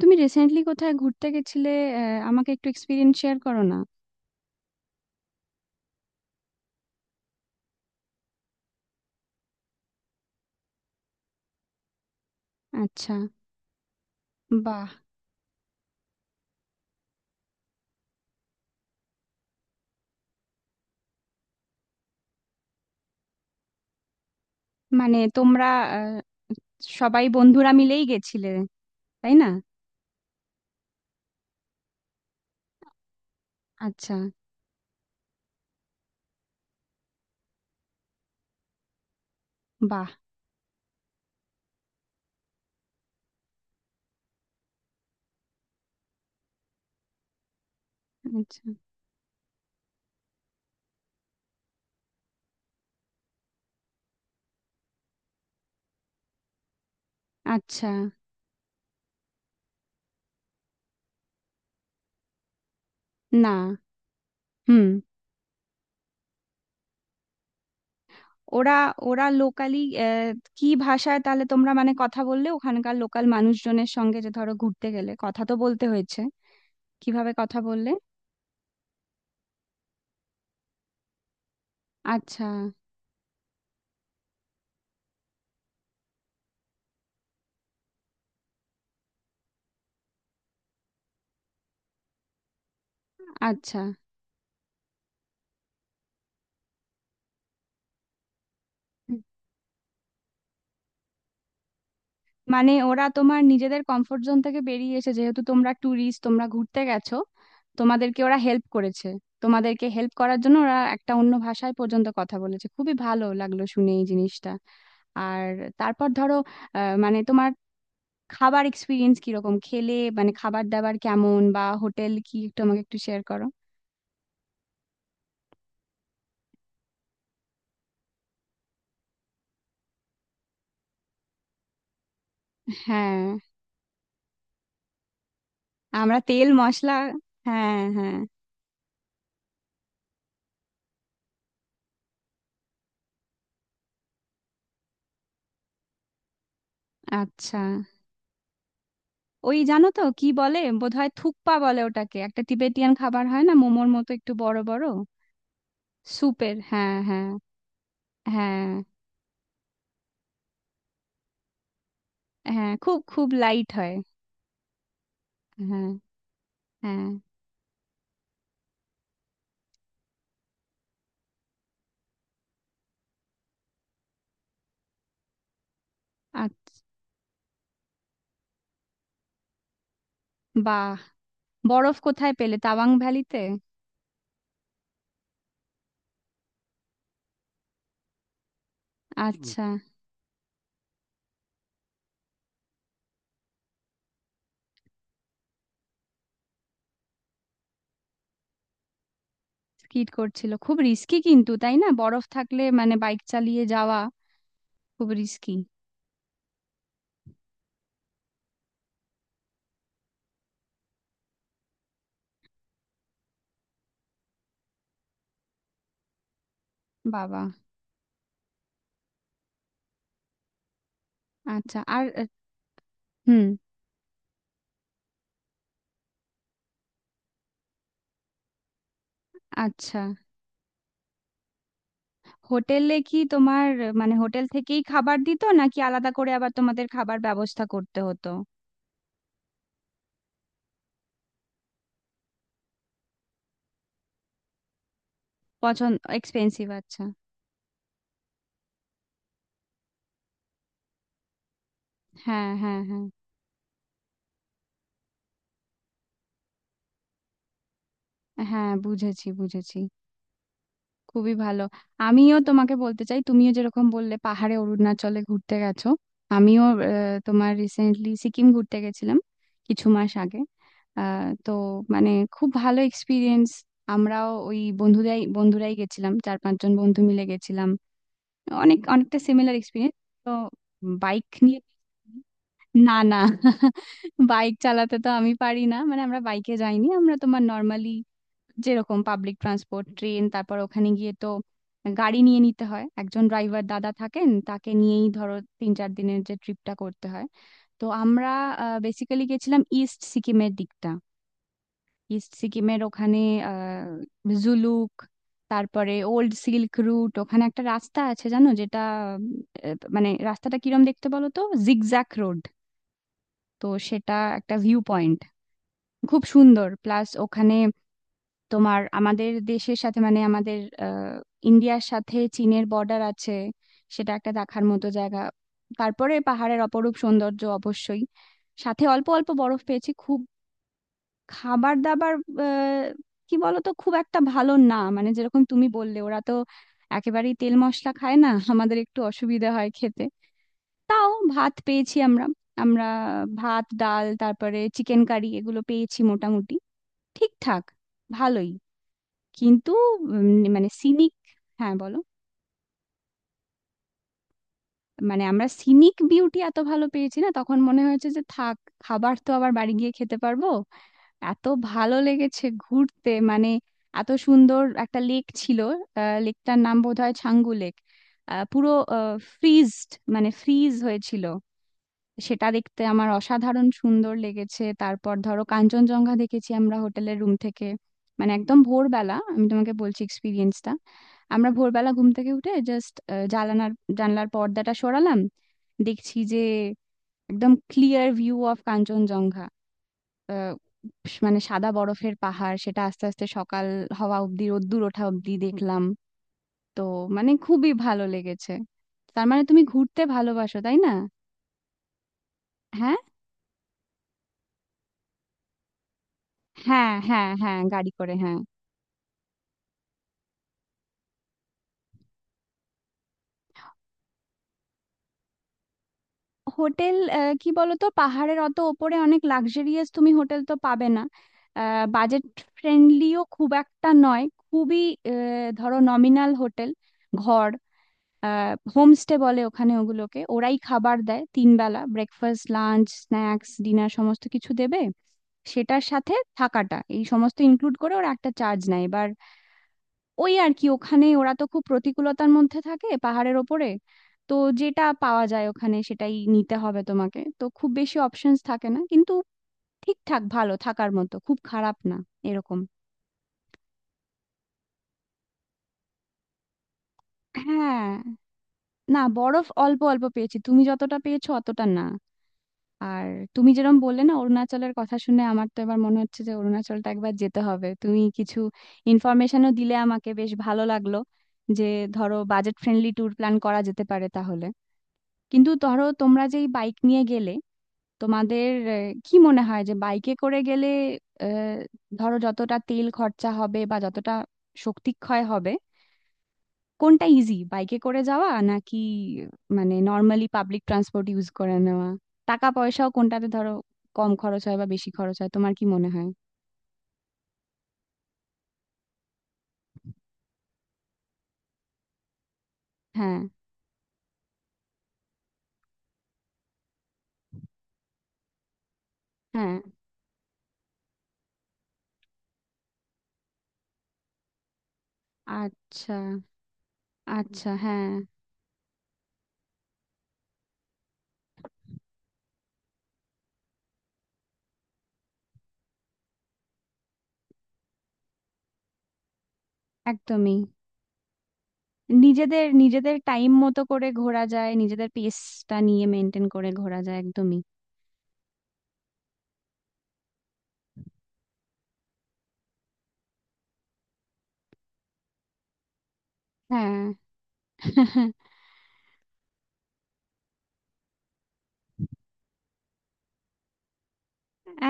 তুমি রিসেন্টলি কোথায় ঘুরতে গেছিলে? আহ, আমাকে একটু এক্সপিরিয়েন্স শেয়ার করো না। আচ্ছা। বাহ। মানে তোমরা আহ, সবাই বন্ধুরা মিলেই গেছিলে, তাই না? আচ্ছা। বাহ। আচ্ছা। আচ্ছা। না। হুম। ওরা ওরা লোকালি কি ভাষায় তাহলে তোমরা মানে কথা বললে ওখানকার লোকাল মানুষজনের সঙ্গে? যে ধরো ঘুরতে গেলে কথা তো বলতে হয়েছে, কিভাবে কথা বললে? আচ্ছা। আচ্ছা। মানে ওরা তোমার নিজেদের কমফোর্ট জোন থেকে বেরিয়ে এসে, যেহেতু তোমরা ট্যুরিস্ট, তোমরা ঘুরতে গেছো, তোমাদেরকে ওরা হেল্প করেছে। তোমাদেরকে হেল্প করার জন্য ওরা একটা অন্য ভাষায় পর্যন্ত কথা বলেছে, খুবই ভালো লাগলো শুনে এই জিনিসটা। আর তারপর ধরো মানে তোমার খাবার এক্সপিরিয়েন্স কিরকম, খেলে মানে খাবার দাবার কেমন বা হোটেল, কি একটু আমাকে একটু শেয়ার করো। হ্যাঁ। আমরা তেল মশলা। হ্যাঁ হ্যাঁ। আচ্ছা। ওই জানো তো কি বলে, বোধহয় থুকপা বলে ওটাকে, একটা তিবেতিয়ান খাবার হয় না মোমোর মতো, একটু বড় বড়। স্যুপের, হ্যাঁ হ্যাঁ। হ্যাঁ হ্যাঁ। খুব খুব লাইট হয়। হ্যাঁ হ্যাঁ। আর। বাহ। বরফ কোথায় পেলে? তাওয়াং ভ্যালিতে, হুম। আচ্ছা। স্কিড করছিল, খুব রিস্কি কিন্তু, তাই না? বরফ থাকলে মানে বাইক চালিয়ে যাওয়া খুব রিস্কি। বাবা। আচ্ছা। আর হুম। আচ্ছা। হোটেলে কি তোমার মানে হোটেল থেকেই খাবার দিত, নাকি আলাদা করে আবার তোমাদের খাবার ব্যবস্থা করতে হতো? পছন্দ এক্সপেন্সিভ, আচ্ছা। হ্যাঁ হ্যাঁ হ্যাঁ। হ্যাঁ বুঝেছি, বুঝেছি। খুবই ভালো। আমিও তোমাকে বলতে চাই, তুমিও যেরকম বললে পাহাড়ে অরুণাচলে ঘুরতে গেছো, আমিও তোমার রিসেন্টলি সিকিম ঘুরতে গেছিলাম কিছু মাস আগে। তো মানে খুব ভালো এক্সপিরিয়েন্স। আমরাও ওই বন্ধুরাই বন্ধুরাই গেছিলাম, চার পাঁচজন বন্ধু মিলে গেছিলাম। অনেক অনেকটা সিমিলার এক্সপিরিয়েন্স। তো বাইক নিয়ে। না না, বাইক চালাতে তো আমি পারি না, মানে আমরা বাইকে যাইনি। আমরা তোমার নর্মালি যেরকম পাবলিক ট্রান্সপোর্ট, ট্রেন, তারপর ওখানে গিয়ে তো গাড়ি নিয়ে নিতে হয়, একজন ড্রাইভার দাদা থাকেন তাকে নিয়েই ধরো তিন চার দিনের যে ট্রিপটা করতে হয়। তো আমরা বেসিক্যালি গেছিলাম ইস্ট সিকিমের দিকটা। ইস্ট সিকিমের ওখানে আহ জুলুক, তারপরে ওল্ড সিল্ক রুট। ওখানে একটা রাস্তা আছে, জানো যেটা, মানে রাস্তাটা কিরম দেখতে বলো তো, জিগজ্যাক রোড। তো সেটা একটা ভিউ পয়েন্ট, খুব সুন্দর। প্লাস ওখানে তোমার আমাদের দেশের সাথে, মানে আমাদের আহ, ইন্ডিয়ার সাথে চীনের বর্ডার আছে, সেটা একটা দেখার মতো জায়গা। তারপরে পাহাড়ের অপরূপ সৌন্দর্য অবশ্যই, সাথে অল্প অল্প বরফ পেয়েছি খুব। খাবার দাবার আহ, কি বলতো খুব একটা ভালো না, মানে যেরকম তুমি বললে ওরা তো একেবারেই তেল মশলা খায় না আমাদের একটু অসুবিধা হয় খেতে। তাও ভাত পেয়েছি আমরা। আমরা ভাত ডাল তারপরে চিকেন কারি এগুলো পেয়েছি মোটামুটি ঠিকঠাক, ভালোই। কিন্তু মানে সিনিক। হ্যাঁ বলো। মানে আমরা সিনিক বিউটি এত ভালো পেয়েছি না, তখন মনে হয়েছে যে থাক, খাবার তো আবার বাড়ি গিয়ে খেতে পারবো, এত ভালো লেগেছে ঘুরতে। মানে এত সুন্দর একটা লেক ছিল, লেকটার নাম বোধহয় ছাঙ্গু লেক, পুরো ফ্রিজড, মানে ফ্রিজ হয়েছিল। সেটা দেখতে আমার অসাধারণ সুন্দর লেগেছে। তারপর ধরো কাঞ্চনজঙ্ঘা দেখেছি আমরা হোটেলের রুম থেকে, মানে একদম ভোরবেলা আমি তোমাকে বলছি এক্সপিরিয়েন্সটা। আমরা ভোরবেলা ঘুম থেকে উঠে জাস্ট জানালার জানলার পর্দাটা সরালাম, দেখছি যে একদম ক্লিয়ার ভিউ অফ কাঞ্চনজঙ্ঘা, আহ, মানে সাদা বরফের পাহাড়। সেটা আস্তে আস্তে সকাল হওয়া অব্দি, রোদ্দুর ওঠা অব্দি দেখলাম। তো মানে খুবই ভালো লেগেছে। তার মানে তুমি ঘুরতে ভালোবাসো, তাই না? হ্যাঁ হ্যাঁ হ্যাঁ। হ্যাঁ গাড়ি করে, হ্যাঁ। হোটেল কি বলতো, পাহাড়ের অত ওপরে অনেক লাক্সারিয়াস তুমি হোটেল তো পাবে না। বাজেট ফ্রেন্ডলিও খুব একটা নয়, খুবই ধরো নমিনাল হোটেল, ঘর। হোমস্টে বলে ওখানে ওগুলোকে, ওরাই খাবার দেয় তিন বেলা, ব্রেকফাস্ট, লাঞ্চ, স্ন্যাক্স, ডিনার সমস্ত কিছু দেবে। সেটার সাথে থাকাটা, এই সমস্ত ইনক্লুড করে ওরা একটা চার্জ নেয়। এবার ওই আর কি, ওখানে ওরা তো খুব প্রতিকূলতার মধ্যে থাকে পাহাড়ের ওপরে। তো যেটা পাওয়া যায় ওখানে সেটাই নিতে হবে, তোমাকে তো খুব বেশি অপশনস থাকে না, কিন্তু ঠিকঠাক ভালো থাকার মতো, খুব খারাপ না এরকম। হ্যাঁ। না বরফ অল্প অল্প পেয়েছি, তুমি যতটা পেয়েছো অতটা না। আর তুমি যেরকম বললে না অরুণাচলের কথা শুনে, আমার তো এবার মনে হচ্ছে যে অরুণাচলটা একবার যেতে হবে, তুমি কিছু ইনফরমেশনও দিলে আমাকে, বেশ ভালো লাগলো। যে ধরো বাজেট ফ্রেন্ডলি ট্যুর প্ল্যান করা যেতে পারে তাহলে। কিন্তু ধরো তোমরা যেই বাইক নিয়ে গেলে, তোমাদের কি মনে হয় যে বাইকে করে গেলে আহ, ধরো যতটা তেল খরচা হবে, বা যতটা শক্তি ক্ষয় হবে, কোনটা ইজি, বাইকে করে যাওয়া নাকি মানে নর্মালি পাবলিক ট্রান্সপোর্ট ইউজ করে নেওয়া? টাকা পয়সাও কোনটাতে ধরো কম খরচ হয় বা বেশি খরচ হয়, তোমার কি মনে হয়? হ্যাঁ হ্যাঁ। আচ্ছা। আচ্ছা। হ্যাঁ। একদমই। নিজেদের নিজেদের টাইম মতো করে ঘোরা যায়, নিজেদের পেসটা নিয়ে মেনটেন করে ঘোরা যায়, একদমই। হ্যাঁ।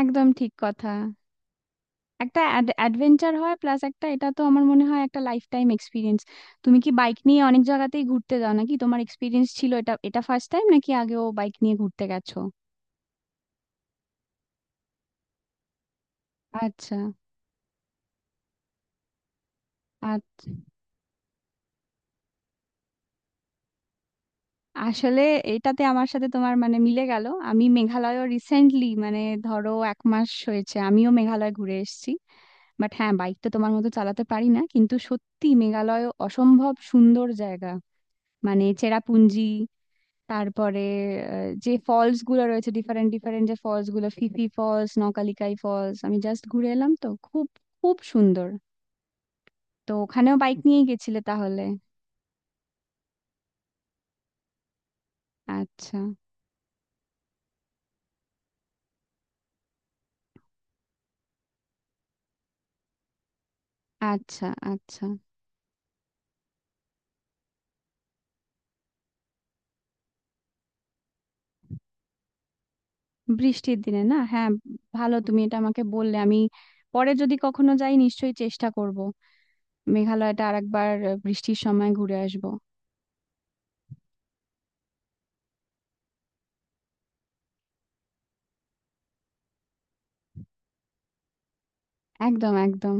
একদম ঠিক কথা। একটা অ্যাডভেঞ্চার হয়, প্লাস একটা এটা তো আমার মনে হয় একটা লাইফ টাইম এক্সপিরিয়েন্স। তুমি কি বাইক নিয়ে অনেক জায়গাতেই ঘুরতে যাও নাকি? তোমার এক্সপিরিয়েন্স ছিল, এটা এটা ফার্স্ট টাইম নাকি আগেও বাইক নিয়ে ঘুরতে গেছো? আচ্ছা। আর। আসলে এটাতে আমার সাথে তোমার মানে মিলে গেল, আমি মেঘালয়ও রিসেন্টলি, মানে ধরো এক মাস হয়েছে আমিও মেঘালয় ঘুরে এসেছি। বাট হ্যাঁ বাইক তো তোমার মতো চালাতে পারি না কিন্তু, সত্যি মেঘালয় অসম্ভব সুন্দর জায়গা। মানে চেরাপুঞ্জি, তারপরে যে ফলস গুলো রয়েছে, ডিফারেন্ট ডিফারেন্ট যে ফলস গুলো, ফিফি ফলস, নকালিকাই ফলস, আমি জাস্ট ঘুরে এলাম, তো খুব খুব সুন্দর। তো ওখানেও বাইক নিয়ে গেছিলে তাহলে? আচ্ছা। আচ্ছা। আচ্ছা। বৃষ্টির দিনে, না হ্যাঁ। ভালো, তুমি এটা আমাকে বললে, আমি পরে যদি কখনো যাই নিশ্চয়ই চেষ্টা করব, মেঘালয়টা আরেকবার বৃষ্টির সময় ঘুরে আসবো। একদম একদম।